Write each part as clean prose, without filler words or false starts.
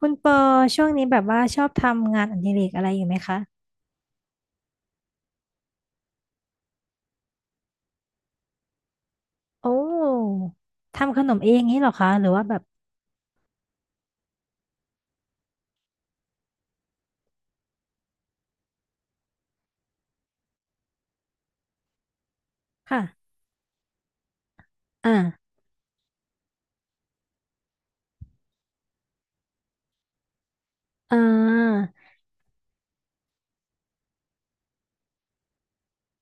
คุณปอช่วงนี้แบบว่าชอบทำงานอดิเรกอะไรอยู่ไหมคะโอ้ทำขนมเองนี่เหรอคะหรือว่าแบบค่ะอ่าอ่า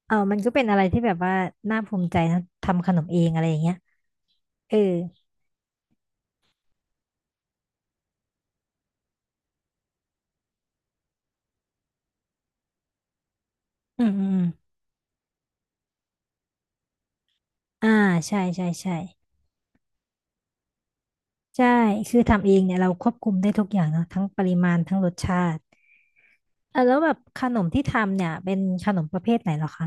เอามันก็เป็นอะไรที่แบบว่าน่าภูมิใจนะทำขนมเองอะไรอย่างเงี้ยเอออืมอืมอมอ่าใช่ใช่ใช่คือทำเองเนี่ยเราควบคุมได้ทุกอย่างเนาะทั้งปริมาณทั้งรสชาติอ่ะแล้วแบบขนมที่ทำเนี่ยเป็นขนมประเภทไหนเหรอคะ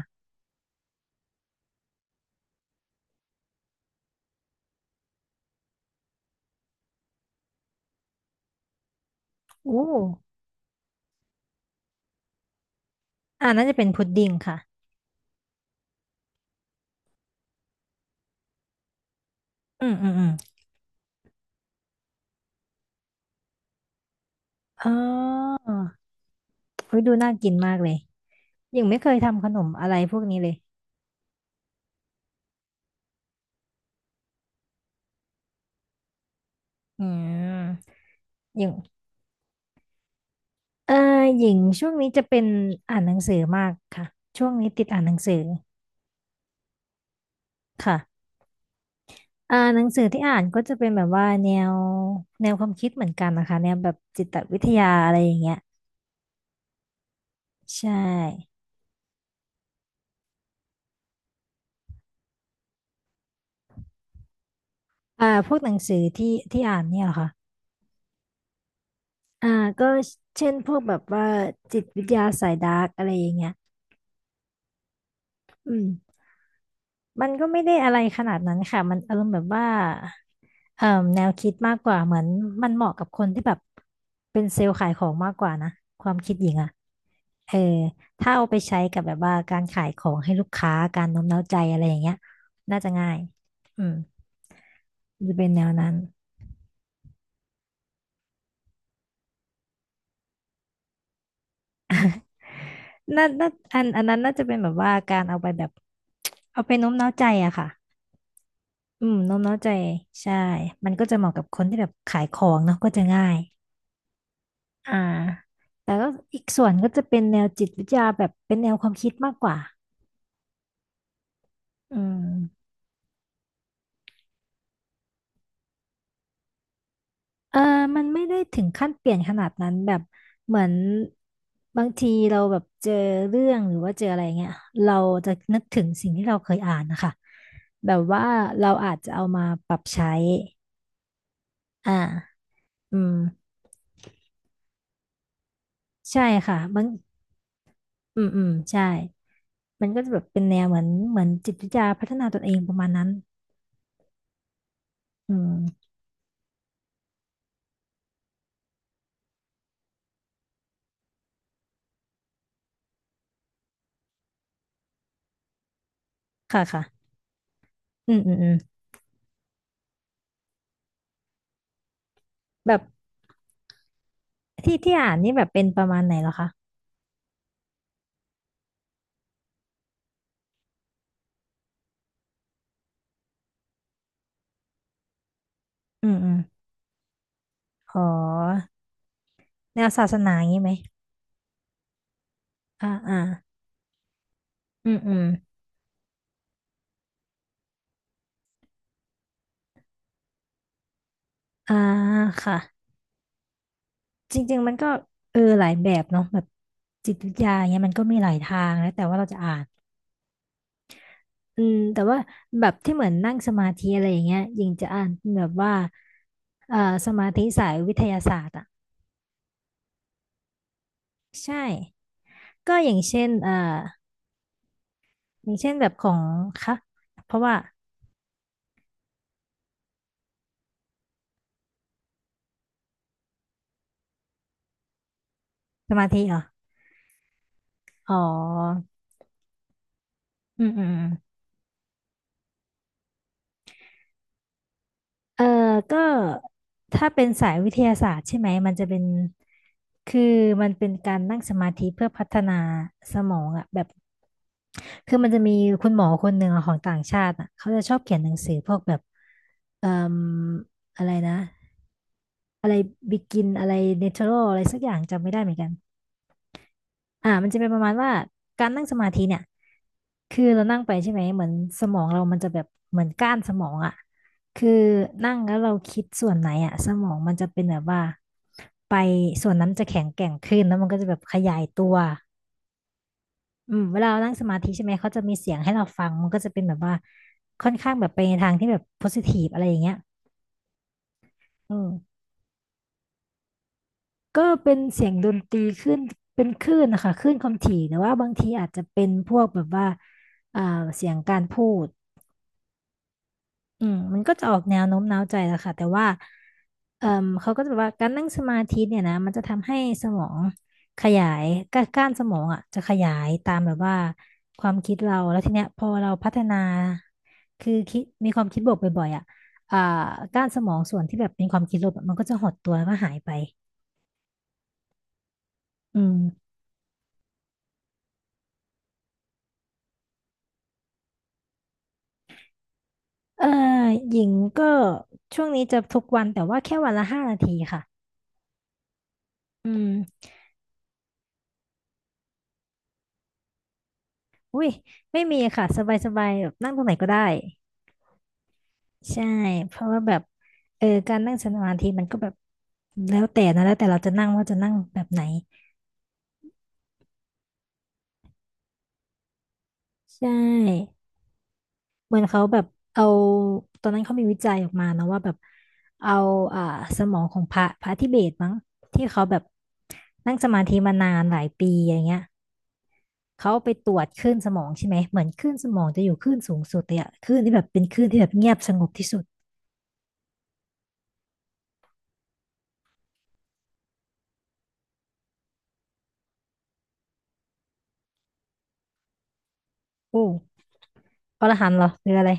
โอ้อ่าน่าจะเป็นพุดดิ้งค่ะอืมอืมอืมอ๋อ เฮ้ยดูน่ากินมากเลยหญิงไม่เคยทำขนมอะไรพวกนี้เลยอืมหญิงเออหญิงช่วงนี้จะเป็นอ่านหนังสือมากค่ะช่วงนี้ติดอ่านหนังสือค่ะอ่านหนังสือที่อ่านก็จะเป็นแบบว่าแนวแนวความคิดเหมือนกันนะคะแนวแบบจิตวิทยาอะไรอย่างเงี้ยใช่อ่าพวกหนังสือที่ที่อ่านเนี่ยเหรอคะอ่าก็เช่นพวกแบบว่าจิตวิทยาสายดาร์กอะไรอย่างเงี้ยอืม มันก็ไม่ได้อะไรขนาดนั้นค่ะมันอารมณ์แบบว่าเอ่อแนวคิดมากกว่าเหมือนมันเหมาะกับคนที่แบบเป็นเซลล์ขายของมากกว่านะ ความคิดหญิงอะเออถ้าเอาไปใช้กับแบบว่าการขายของให้ลูกค้าการโน้มน้าวใจอะไรอย่างเงี้ยน่าจะง่ายอืมจะเป็นแนวนั้นน่าน่าอันนั้นน่าจะเป็นแบบว่าการเอาไปแบบเอาไปโน้มน้าวใจอะค่ะอืมโน้มน้าวใจใช่ มันก็จะเหมาะกับคนที่แบบขายของเนาะก็จะง่าย อ่าแต่ก็อีกส่วนก็จะเป็นแนวจิตวิทยาแบบเป็นแนวความคิดมากกว่าอืมเออมันไม่ได้ถึงขั้นเปลี่ยนขนาดนั้นแบบเหมือนบางทีเราแบบเจอเรื่องหรือว่าเจออะไรเงี้ยเราจะนึกถึงสิ่งที่เราเคยอ่านนะคะแบบว่าเราอาจจะเอามาปรับใช้อ่าอืมใช่ค่ะมันอืมอืมใช่มันก็จะแบบเป็นแนวเหมือนจิตวิทยาพัฒนาตนเองประมาณนั้นอืมค่ะค่ะอืมอืมอืมแบบ ที่อ่านนี่แบบเป็นประมาณไหนเหรอคะอืมอืมขอแนวศาสนาอย่างนี้ไหมอ่าอ่าอืมอืมอ่าค่ะจริงๆมันก็เออหลายแบบเนาะแบบจิตวิทยาอย่างเงี้ยมันก็มีหลายทางแล้วแต่ว่าเราจะอ่านอืมแต่ว่าแบบที่เหมือนนั่งสมาธิอะไรอย่างเงี้ยยิงจะอ่านแบบว่าเอ่อสมาธิสายวิทยาศาสตร์อ่ะใช่ก็อย่างเช่นอย่างเช่นแบบของคะเพราะว่าสมาธิเหรออ๋ออืมอืมอืม เออก็ถ้าเป็นสายวิทยาศาสตร์ใช่ไหม มันจะเป็นคือมันเป็นการนั่งสมาธิเพื่อพัฒนาสมองอะแบบคือมันจะมีคุณหมอคนหนึ่งอะของต่างชาติอะเขาจะชอบเขียนหนังสือพวกแบบเอ่ออะไรนะ อะไรบิกิน อะไรเนเชอรัลอะไรสักอย่างจำไม่ได้เหมือนกัน อ่ามันจะเป็นประมาณว่าการนั่งสมาธิเนี่ยคือเรานั่งไปใช่ไหมเหมือนสมองเรามันจะแบบเหมือนก้านสมองอ่ะคือนั่งแล้วเราคิดส่วนไหนอ่ะสมองมันจะเป็นแบบว่าไปส่วนนั้นจะแข็งแกร่งขึ้นแล้วมันก็จะแบบขยายตัวอืมเวลาเรานั่งสมาธิใช่ไหมเขาจะมีเสียงให้เราฟังมันก็จะเป็นแบบว่าค่อนข้างแบบไปในทางที่แบบโพสิทีฟอะไรอย่างเงี้ยอืม ก็เป็นเสียงดนตรีขึ้นเป็นคลื่นนะคะคลื่นความถี่แต่ว่าบางทีอาจจะเป็นพวกแบบว่าอ่าเสียงการพูดอืมมันก็จะออกแนวโน้มน้าวใจแหละค่ะแต่ว่าเอ่มเขาก็จะแบบว่าการนั่งสมาธิเนี่ยนะมันจะทำให้สมองขยายก้านสมองอ่ะจะขยายตามแบบว่าความคิดเราแล้วทีเนี้ยพอเราพัฒนาคือคิดมีความคิดบวกบ่อยๆอ่ะอ่าก้านสมองส่วนที่แบบเป็นความคิดลบอะมันก็จะหดตัวแล้วก็หายไปอืม เอ่อหญิงก็ช่วงนี้จะทุกวันแต่ว่าแค่วันละ5 นาทีค่ะอืมอุ้ยไม่มีค่ะสบายสบายแบบนั่งตรงไหนก็ได้ใช่เพราะว่าแบบเออการนั่งสมาธิมันก็แบบแล้วแต่นะแล้วแต่เราจะนั่งว่าจะนั่งแบบไหนใช่เหมือนเขาแบบเอาตอนนั้นเขามีวิจัยออกมานะว่าแบบเอาอ่าสมองของพระพระทิเบตมั้งที่เขาแบบนั่งสมาธิมานานหลายปีอย่างเงี้ย เขาไปตรวจคลื่นสมองใช่ไหมเหมือนคลื่นสมองจะอยู่คลื่นสูงสุดเลยอะคลื่นที่แบบเป็นคลื่นที่แบบเงียบสงบที่สุดโอ้อรหันต์เหรอหรืออะไร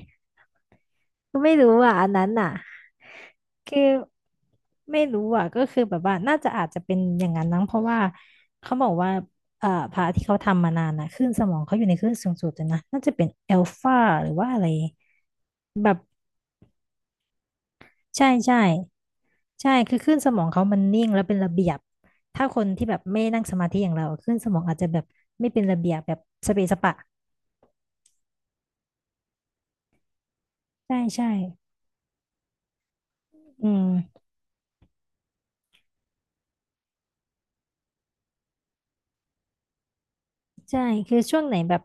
ก็ไม่รู้อ่ะอันนั้นอ่ะคือไม่รู้อ่ะก็คือแบบว่าน่าจะอาจจะเป็นอย่างนั้นนั้งเพราะว่าเขาบอกว่าพระที่เขาทำมานานน่ะคลื่นสมองเขาอยู่ในคลื่นสูงสุดเลยนะน่าจะเป็นเอลฟาหรือว่าอะไรแบบ ใช่ใช่ใช่คือคลื่นสมองเขามันนิ่งแล้วเป็นระเบียบถ้าคนที่แบบไม่นั่งสมาธิอย่างเราคลื่นสมองอาจจะแบบไม่เป็นระเบียบแบบสเปะสปะใช่ใช่อืมใช่คือช่วงไหนแบบ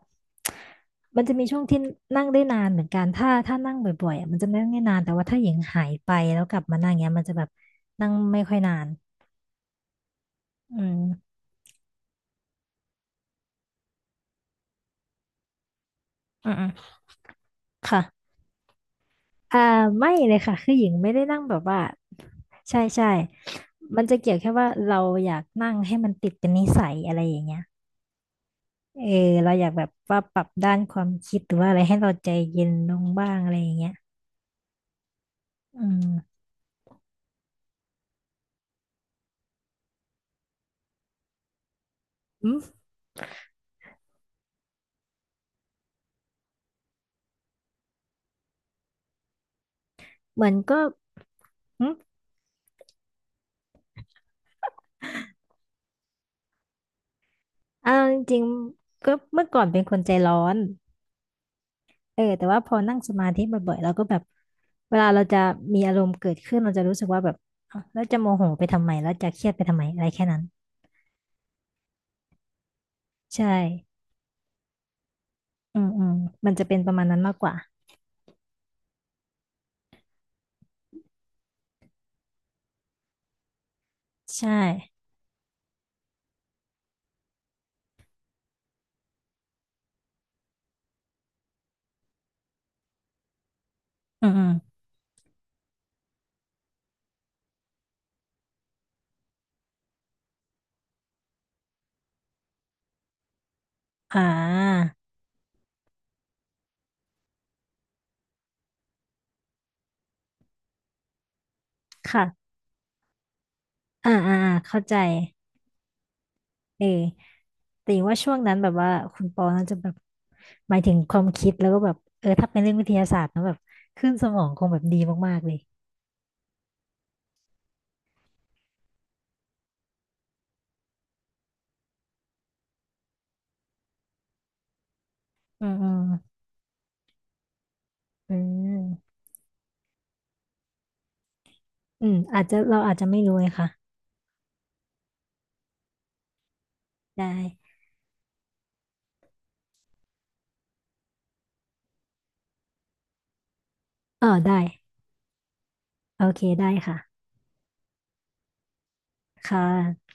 มันจะมีช่วงที่นั่งได้นานเหมือนกันถ้านั่งบ่อยๆอ่ะมันจะนั่งได้นานแต่ว่าถ้าหญิงหายไปแล้วกลับมานั่งเงี้ยมันจะแบบนั่งไม่ค่อยนานอืมอืมๆค่ะ อ่าไม่เลยค่ะคือหญิงไม่ได้นั่งแบบว่าใช่ใช่มันจะเกี่ยวแค่ว่าเราอยากนั่งให้มันติดเป็นนิสัยอะไรอย่างเงี้ยเออเราอยากแบบว่าปรับด้านความคิดหรือว่าอะไรให้เราใจเย็นลงบ้างอะไรอย่างเงี้ยอืมอืมเหมือนก็อืมอ่าจริงๆก็เมื่อก่อนเป็นคนใจร้อนเออแต่ว่าพอนั่งสมาธิบ่อยๆเราก็แบบเวลาเราจะมีอารมณ์เกิดขึ้นเราจะรู้สึกว่าแบบเอ้าแล้วจะโมโหไปทำไมแล้วจะเครียดไปทำไมอะไรแค่นั้นใช่ อืมอืมมันจะเป็นประมาณนั้นมากกว่าใช่อืมอืมอ่าค่ะอ่าอ่าอ่าเข้าใจเออแต่ว่าช่วงนั้นแบบว่าคุณปอน่าจะแบบหมายถึงความคิดแล้วก็แบบเออถ้าเป็นเรื่องวิทยาศาสตร์นะแบบขึ้นสมองคงแบบดีมากๆเลยอืมอืมอืมอืมอาจจะเราอาจจะไม่รู้เลยค่ะได้ได้โอเคได้ค่ะค่ะ